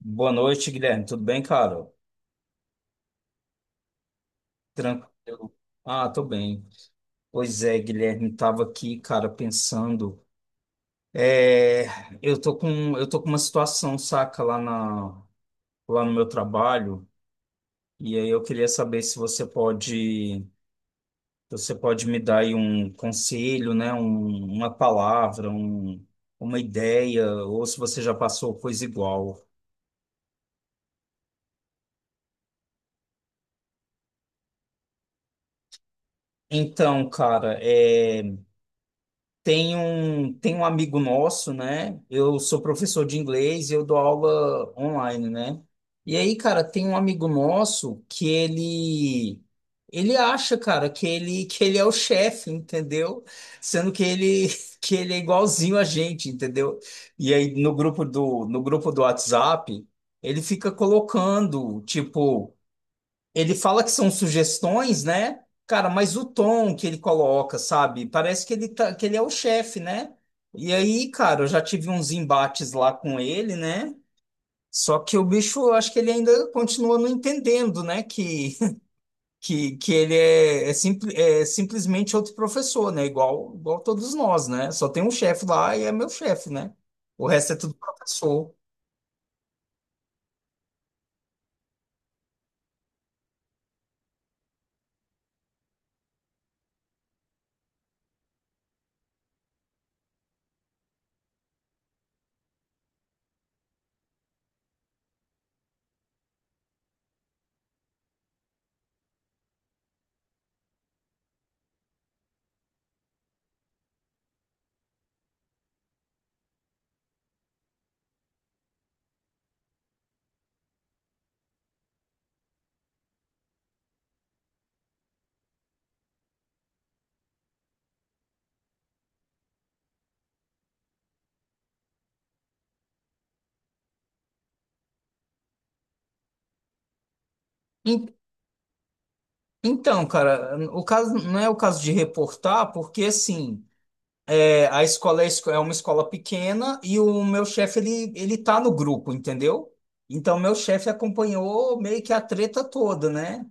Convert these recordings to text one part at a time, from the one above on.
Boa noite, Guilherme. Tudo bem, cara? Tranquilo. Ah, tô bem. Pois é, Guilherme, tava aqui, cara, pensando. É, eu tô com uma situação, saca, lá no meu trabalho. E aí eu queria saber se você pode me dar aí um conselho, né? Uma palavra, uma ideia, ou se você já passou coisa igual. Então, cara, é. Tem um amigo nosso, né? Eu sou professor de inglês e eu dou aula online, né? E aí, cara, tem um amigo nosso que ele acha, cara, que ele é o chefe, entendeu? Sendo que ele que ele é igualzinho a gente, entendeu? E aí no grupo do WhatsApp, ele fica colocando, tipo, ele fala que são sugestões, né? Cara, mas o tom que ele coloca, sabe? Parece que que ele é o chefe, né? E aí, cara, eu já tive uns embates lá com ele, né? Só que o bicho, eu acho que ele ainda continua não entendendo, né? Que, que ele é simplesmente outro professor, né? Igual todos nós, né? Só tem um chefe lá e é meu chefe, né? O resto é tudo professor. En- Então, cara, o caso não é o caso de reportar, porque assim. A escola é é uma escola pequena e o meu chefe, ele tá no grupo, entendeu? Então, meu chefe acompanhou meio que a treta toda, né?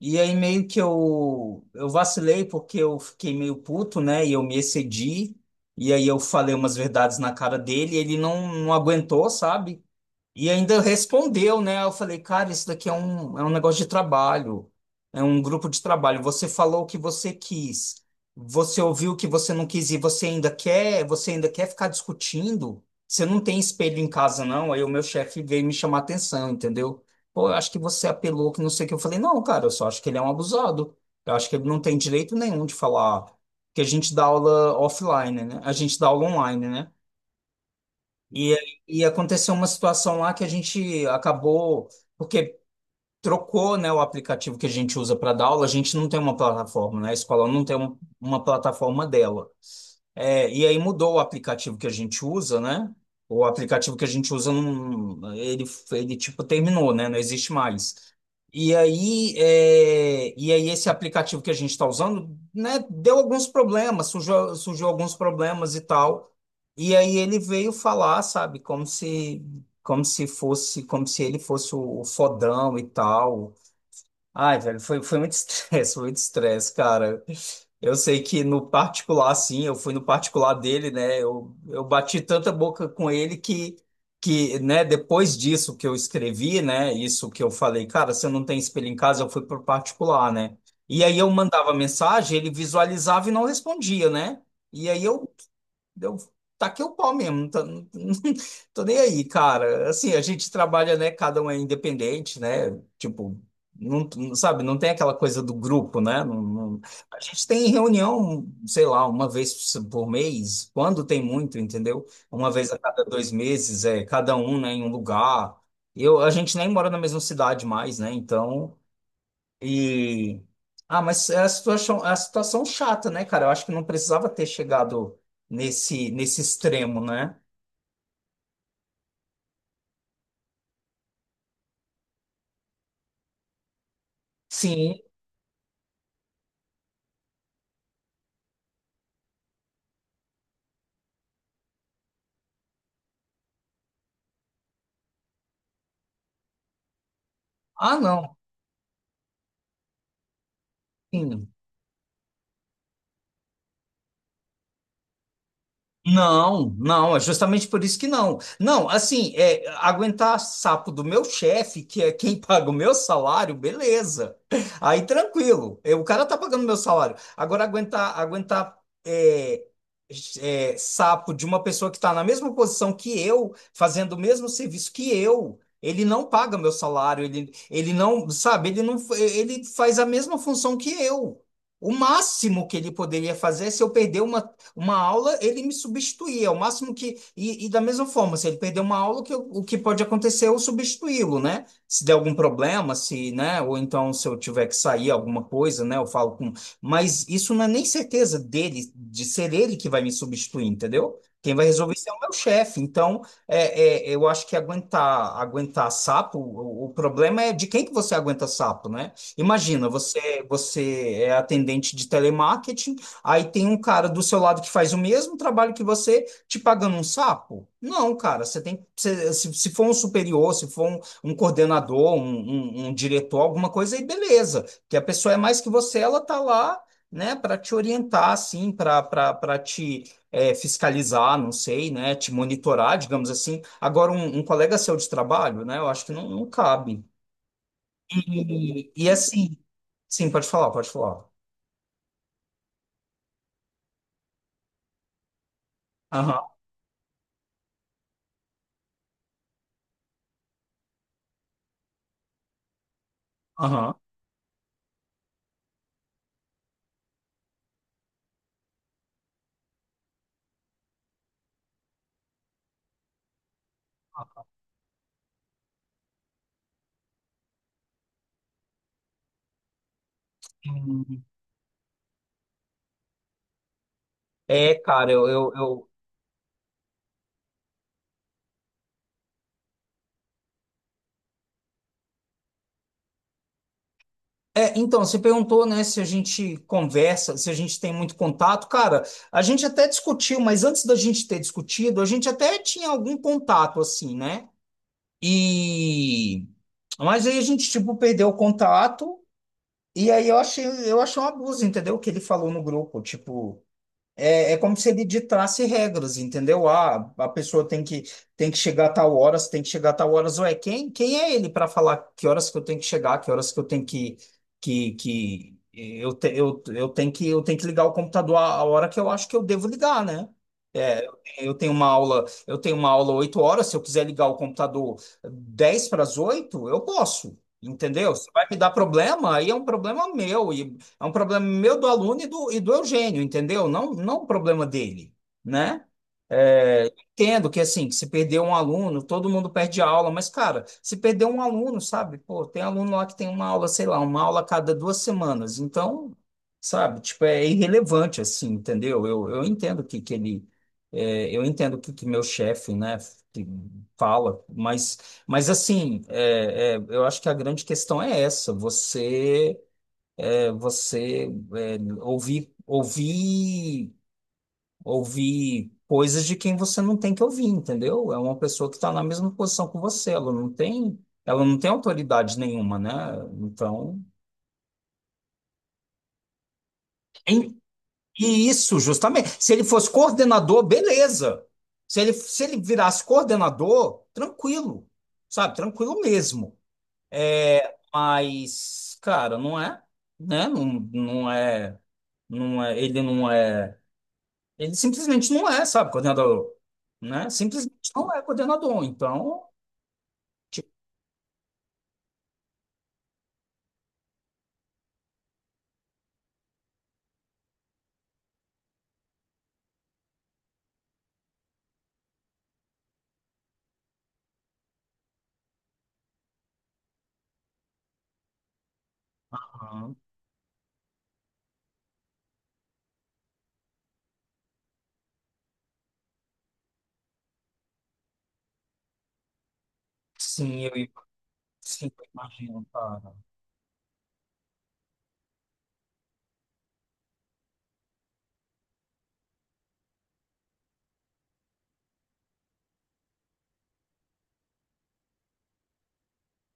E aí, meio que eu vacilei porque eu fiquei meio puto, né? E eu me excedi. E aí, eu falei umas verdades na cara dele e ele não aguentou, sabe? E ainda respondeu, né? Eu falei, cara, isso daqui é um negócio de trabalho, é um grupo de trabalho. Você falou o que você quis, você ouviu o que você não quis e você ainda quer ficar discutindo? Você não tem espelho em casa, não? Aí o meu chefe veio me chamar atenção, entendeu? Pô, eu acho que você apelou, que não sei o que. Eu falei, não, cara, eu só acho que ele é um abusado. Eu acho que ele não tem direito nenhum de falar que a gente dá aula offline, né? A gente dá aula online, né? E, e aconteceu uma situação lá que a gente acabou, porque trocou, né, o aplicativo que a gente usa para dar aula, a gente não tem uma plataforma, né? A escola não tem uma plataforma dela. É, e aí mudou o aplicativo que a gente usa, né? O aplicativo que a gente usa, não, ele tipo terminou, né? Não existe mais. E aí, e aí esse aplicativo que a gente está usando, né, deu alguns problemas, surgiu alguns problemas e tal. E aí ele veio falar, sabe, como se ele fosse o fodão e tal. Ai, velho, foi muito estresse, foi muito estresse, cara. Eu sei que no particular, sim, eu fui no particular dele, né? Eu bati tanta boca com ele que, né, depois disso que eu escrevi, né, isso que eu falei, cara, você não tem espelho em casa, eu fui pro particular, né? E aí eu mandava mensagem, ele visualizava e não respondia, né? E aí eu taquei o pau mesmo, não tô, não- tô nem aí, cara. Assim, a gente trabalha, né? Cada um é independente, né? Tipo, sabe, não tem aquela coisa do grupo, né? A gente tem reunião, sei lá, uma vez por mês, quando tem muito, entendeu? Uma vez a cada 2 meses, é cada um, né, em um lugar. Eu, a gente nem mora na mesma cidade mais, né? Então. E. Ah, mas é a situação chata, né, cara? Eu acho que não precisava ter chegado nesse extremo, né? Sim. Ah, não. Sim. Não, não, é justamente por isso que não. Não, assim, aguentar sapo do meu chefe, que é quem paga o meu salário, beleza. Aí tranquilo, o cara tá pagando meu salário. Agora, aguentar é, sapo de uma pessoa que tá na mesma posição que eu, fazendo o mesmo serviço que eu, ele não paga meu salário, ele não, sabe, ele não, ele faz a mesma função que eu. O máximo que ele poderia fazer é se eu perder uma aula, ele me substituía, o máximo que. E da mesma forma, se ele perder uma aula, o que, o que pode acontecer é eu substituí-lo, né? Se der algum problema, se, né? Ou então se eu tiver que sair alguma coisa, né? Eu falo com. Mas isso não é nem certeza dele, de ser ele que vai me substituir, entendeu? Quem vai resolver isso é o meu chefe. Então, eu acho que aguentar sapo, o problema é de quem que você aguenta sapo, né? Imagina, você é atendente de telemarketing. Aí tem um cara do seu lado que faz o mesmo trabalho que você, te pagando um sapo? Não, cara, se for um superior, se for um coordenador, um diretor, alguma coisa, aí beleza. Que a pessoa é mais que você, ela tá lá, né, para te orientar, assim, para te fiscalizar, não sei, né, te monitorar, digamos assim. Agora, um colega seu de trabalho, né, eu acho que não cabe. E assim, sim, pode falar, pode falar. Aham, aham. Cara, Então, você perguntou, né, se a gente conversa, se a gente tem muito contato. Cara, a gente até discutiu, mas antes da gente ter discutido, a gente até tinha algum contato, assim, né? E... Mas aí a gente, tipo, perdeu o contato, e aí eu achei um abuso, entendeu? O que ele falou no grupo, tipo. É como se ele ditasse regras, entendeu? Ah, a pessoa tem que chegar a tal horas, tem que chegar a tal horas. Ué, quem é ele para falar que horas que eu tenho que chegar, que horas que eu tenho que ligar o computador a hora que eu acho que eu devo ligar, né? É, eu tenho uma aula, 8 horas, se eu quiser ligar o computador 10 para as 8 eu posso, entendeu? Se vai me dar problema, aí é um problema meu. E é um problema meu do aluno e e do Eugênio, entendeu? Não, não o problema dele, né? Entendo que assim, que se perder um aluno, todo mundo perde aula, mas cara, se perder um aluno, sabe? Pô, tem aluno lá que tem uma aula, sei lá, uma aula a cada 2 semanas, então, sabe? Tipo, é irrelevante assim, entendeu? Eu entendo que eu entendo que meu chefe, né, que fala, mas assim, eu acho que a grande questão é essa, você é, ouvir, ouvir, ouvir coisas de quem você não tem que ouvir, entendeu? É uma pessoa que está na mesma posição que você, ela não tem autoridade nenhuma, né? Então, em- e isso, justamente. Se ele fosse coordenador, beleza. Se ele virasse coordenador, tranquilo, sabe? Tranquilo mesmo. É, mas, cara, não é, né? Não, não é, ele não é. Ele simplesmente não é, sabe, coordenador, né? Simplesmente não é coordenador. Então, tipo, ah, sim, sim, eu imagino, cara.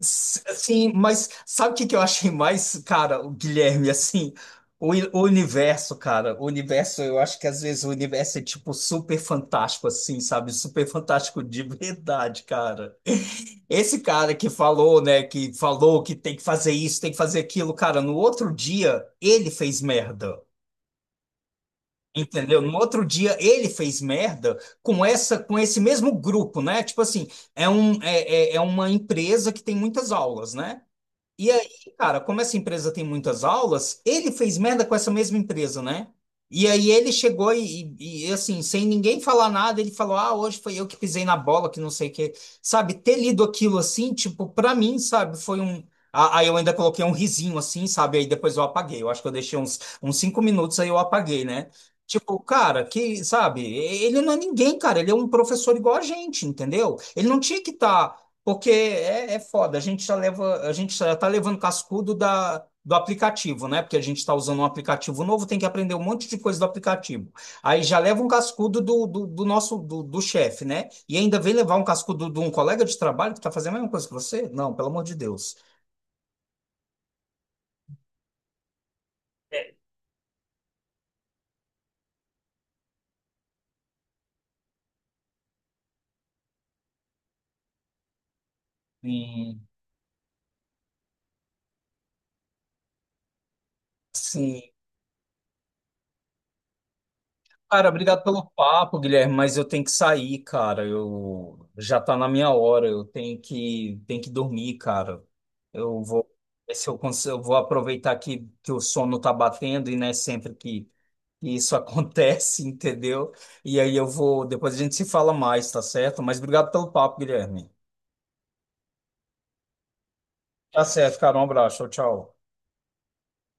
Sim, mas sabe o que que eu achei mais, cara, o Guilherme, assim, o universo, cara, o universo, eu acho que às vezes o universo é, tipo, super fantástico, assim, sabe? Super fantástico de verdade, cara. Esse cara que falou, né, que falou que tem que fazer isso, tem que fazer aquilo, cara, no outro dia, ele fez merda. Entendeu? No outro dia ele fez merda com esse mesmo grupo, né? Tipo assim, é uma empresa que tem muitas aulas, né? E aí, cara, como essa empresa tem muitas aulas, ele fez merda com essa mesma empresa, né? E aí ele chegou e, assim, sem ninguém falar nada, ele falou: Ah, hoje foi eu que pisei na bola, que não sei o quê. Sabe, ter lido aquilo assim, tipo, pra mim, sabe, foi um. Aí eu ainda coloquei um risinho assim, sabe? Aí depois eu apaguei. Eu acho que eu deixei uns 5 minutos, aí eu apaguei, né? Tipo, cara, que, sabe, ele não é ninguém, cara. Ele é um professor igual a gente, entendeu? Ele não tinha que estar. Porque é foda, a gente já tá levando cascudo do aplicativo, né? Porque a gente está usando um aplicativo novo, tem que aprender um monte de coisa do aplicativo. Aí já leva um cascudo do chefe, né? E ainda vem levar um cascudo de um colega de trabalho que está fazendo a mesma coisa que você? Não, pelo amor de Deus. Sim, sim. Cara, obrigado pelo papo, Guilherme, mas eu tenho que sair, cara. Eu já tá na minha hora, eu tenho que dormir, cara. Eu vou ver se eu consigo, eu vou aproveitar que o sono tá batendo e não é sempre que isso acontece, entendeu? E aí eu vou, depois a gente se fala mais, tá certo? Mas obrigado pelo papo, Guilherme. Tá certo, cara. Um abraço. Tchau, tchau.